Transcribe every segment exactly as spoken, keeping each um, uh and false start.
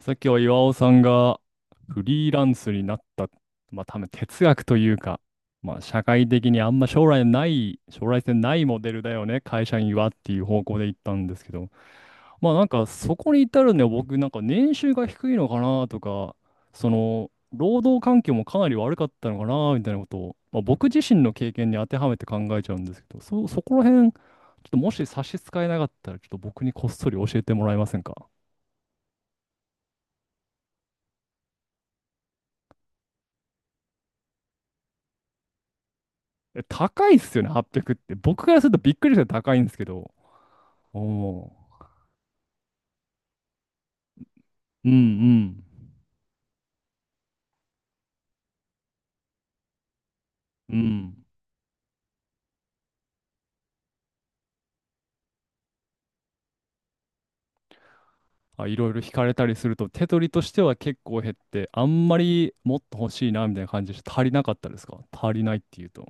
さっきは岩尾さんがフリーランスになった、まあ多分哲学というか、まあ社会的にあんま将来ない、将来性ないモデルだよね、会社員はっていう方向で行ったんですけど、まあなんかそこに至るには僕なんかね年収が低いのかなとか、その労働環境もかなり悪かったのかなみたいなことを、まあ、僕自身の経験に当てはめて考えちゃうんですけど、そ、そこら辺、ちょっともし差し支えなかったら、ちょっと僕にこっそり教えてもらえませんか？え、高いっすよね、はっぴゃくっぴゃくって。僕からするとびっくりして高いんですけど。おー。うんうん。うん。あ、いろいろ引かれたりすると、手取りとしては結構減って、あんまりもっと欲しいなみたいな感じで足りなかったですか、足りないっていうと。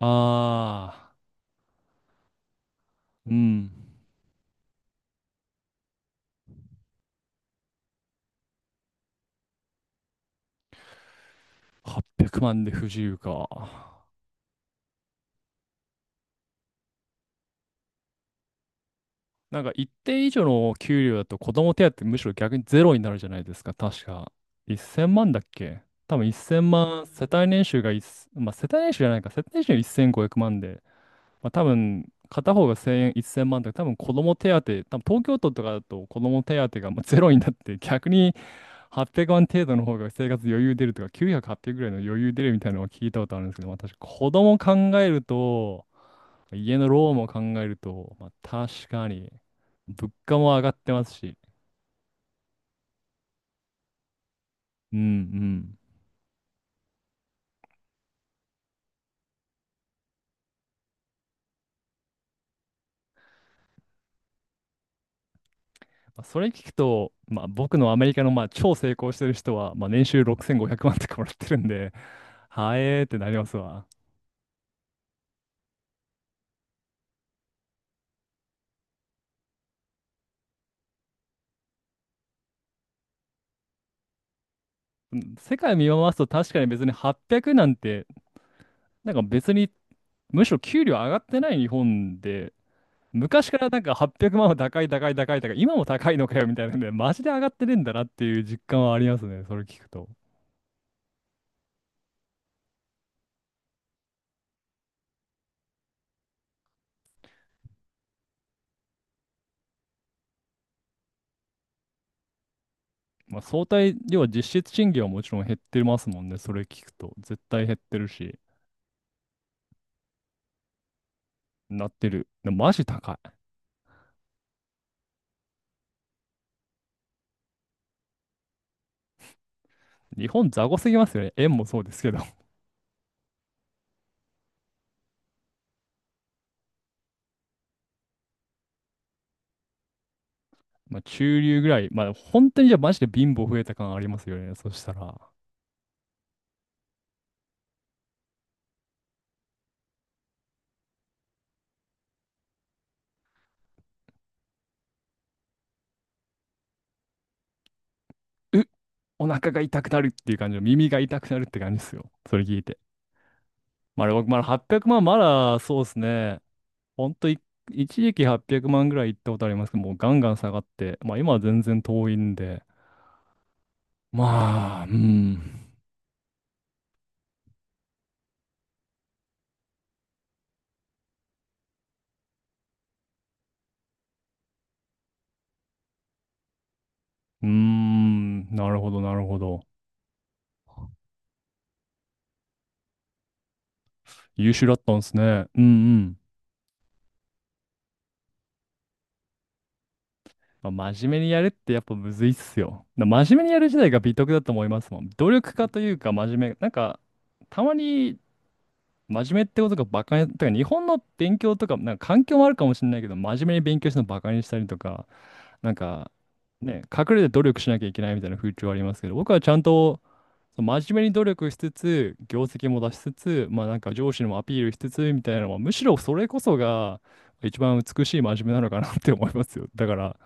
ああ、うん。はっぴゃくまんで不自由か。なんか一定以上の給料だと子供手当むしろ逆にゼロになるじゃないですか、確か。いっせんまんだっけ。多分いっせんまん、世帯年収がいっまあ世帯年収じゃないか、世帯年収がせんごひゃくまんで、まあ多分片方がせんえん、いっせんまんとか、多分子供手当、多分東京都とかだと子供手当がまあゼロになって、逆にはっぴゃくまん程度の方が生活余裕出るとか、きゅうひゃく、はっぴゃくぐらいの余裕出るみたいなのを聞いたことあるんですけど、まあ私、子供考えると、家のローンも考えると、まあ、確かに、物価も上がってますし。うんうん。まあそれ聞くと、まあ、僕のアメリカのまあ超成功してる人は、まあ、年収ろくせんごひゃくまんとかもらってるんで、はえーってなりますわ。うん、世界見回すと確かに別にはっぴゃくなんて、なんか別に、むしろ給料上がってない日本で、昔からなんかはっぴゃくまんは高い高い高い高い、今も高いのかよみたいなんで、マジで上がってねえんだなっていう実感はありますね、それ聞くと。まあ、相対、要は実質賃金はもちろん減ってますもんね、それ聞くと。絶対減ってるし。なってる。でもマジ高い。日本雑魚すぎますよね。円もそうですけど。まあ、中流ぐらい。まあ、本当にじゃあマジで貧乏増えた感ありますよね、そしたら。うっお腹が痛くなるっていう感じの、耳が痛くなるって感じですよ、それ聞いて。まあ、僕、まだはっぴゃくまん、まだそうですね。ほんとい、一時期はっぴゃくまんぐらい行ったことありますけど、もうガンガン下がって、まあ今は全然遠いんで、まあ、うん。うーん、なるほど、なるほど。優秀だったんですね。うんうん。まあ真面目にやるってやっぱむずいっすよ。な真面目にやる時代が美徳だと思いますもん。努力家というか真面目、なんか、たまに真面目ってことがバカに、てか日本の勉強とか、なんか環境もあるかもしれないけど、真面目に勉強してるのバカにしたりとか、なんか、ね、隠れて努力しなきゃいけないみたいな風潮ありますけど、僕はちゃんと、その真面目に努力しつつ、業績も出しつつ、まあなんか上司にもアピールしつつみたいなのは、むしろそれこそが一番美しい真面目なのかなって思いますよ。だから、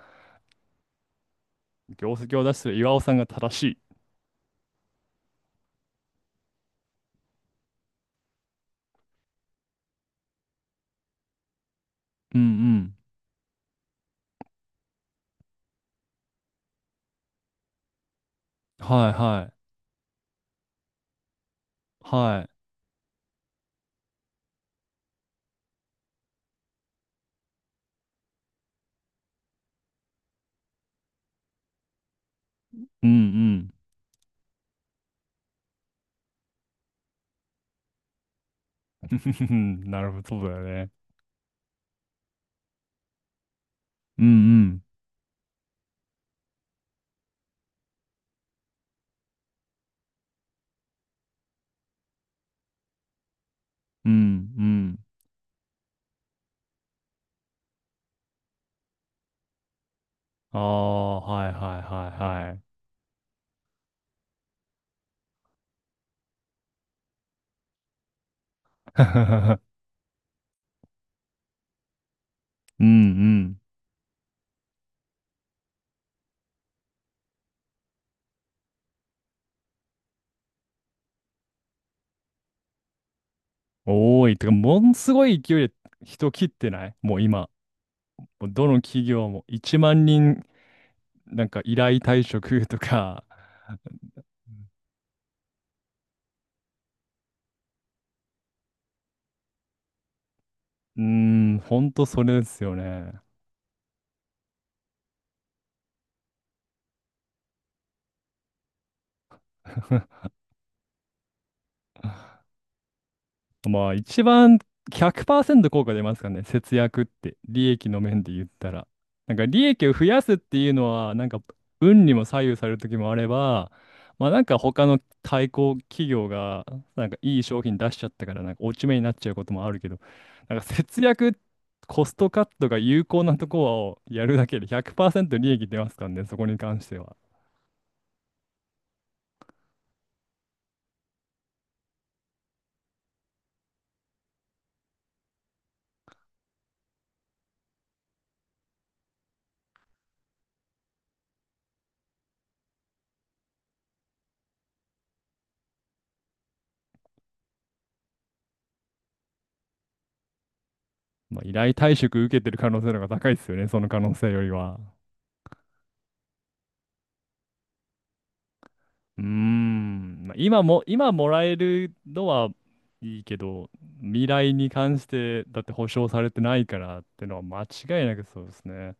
業績を出してる岩尾さんが正しい。うんうん。はいはい。はい。うんうん。なるほど、そうだよね。うんうん。うんうん。ああ、はいはいはいはい。うんうん。多い。てか、ものすごい勢いで人切ってないもう今。もうどの企業もいちまん人、なんか依頼退職 とか。うーん、ほんとそれですよね。まあ、一番ひゃくパーセント効果出ますかね、節約って、利益の面で言ったら。なんか利益を増やすっていうのは、なんか運にも左右される時もあれば、まあなんか他の対抗企業が、なんかいい商品出しちゃったから、なんか落ち目になっちゃうこともあるけど、なんか節約、コストカットが有効なところをやるだけでひゃくパーセント利益出ますからね、そこに関しては。まあ、依頼退職受けてる可能性の方が高いですよね、その可能性よりは。うーん、まあ、今も、今もらえるのはいいけど、未来に関して、だって保証されてないからってのは間違いなくそうですね。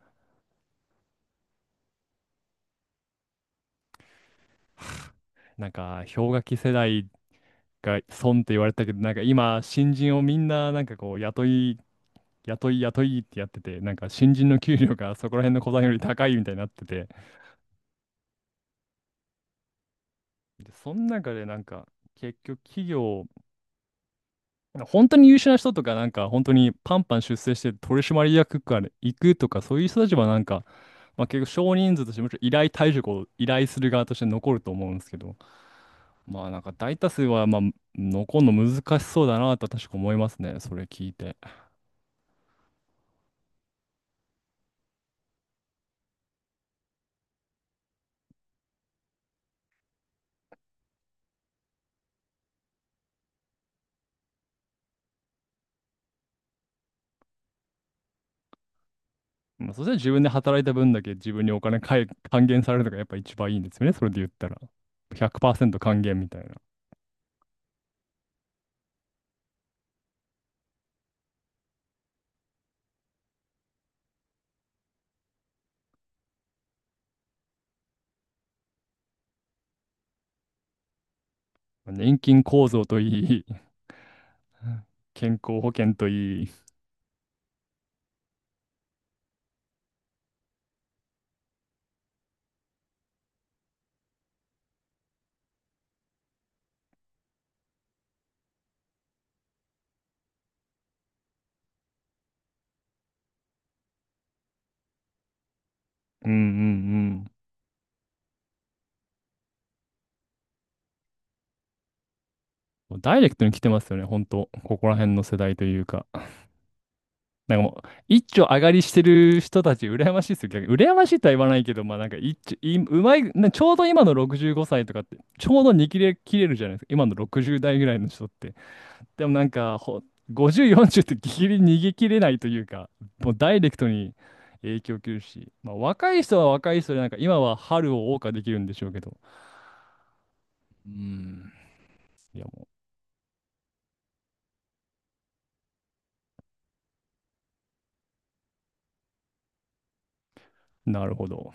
なんか、氷河期世代が損って言われたけど、なんか今、新人をみんな、なんかこう、雇い、雇い、雇いってやってて、なんか新人の給料がそこら辺の小さんより高いみたいになってて、で、その中でなんか、結局企業、本当に優秀な人とか、なんか本当にパンパン出世して取締役から行くとか、そういう人たちはなんか、まあ、結局少人数としてもちろん依頼退職を依頼する側として残ると思うんですけど、まあなんか大多数はまあ残るの難しそうだなと確か思いますね、それ聞いて。まあ、そしたら自分で働いた分だけ自分にお金かえ 還元されるのがやっぱ一番いいんですよね、それで言ったら。ひゃくパーセント還元みたいな。まあ年金構造といい、健康保険といい。うんうんうん。もうダイレクトに来てますよね、ほんと。ここら辺の世代というか。なんかもう、一丁上がりしてる人たち、羨ましいですよ。逆に、羨ましいとは言わないけど、まあなんか一丁、い、うまい、なちょうど今のろくじゅうごさいとかって、ちょうどに切れ、切れるじゃないですか、今のろくじゅう代ぐらいの人って。でもなんか、ほ、ごじゅう、よんじゅうってギリギリ逃げ切れないというか、もうダイレクトに影響を受けるし、まあ若い人は若い人で、なんか今は春を謳歌できるんでしょうけど。うん。いやもう、なるほど。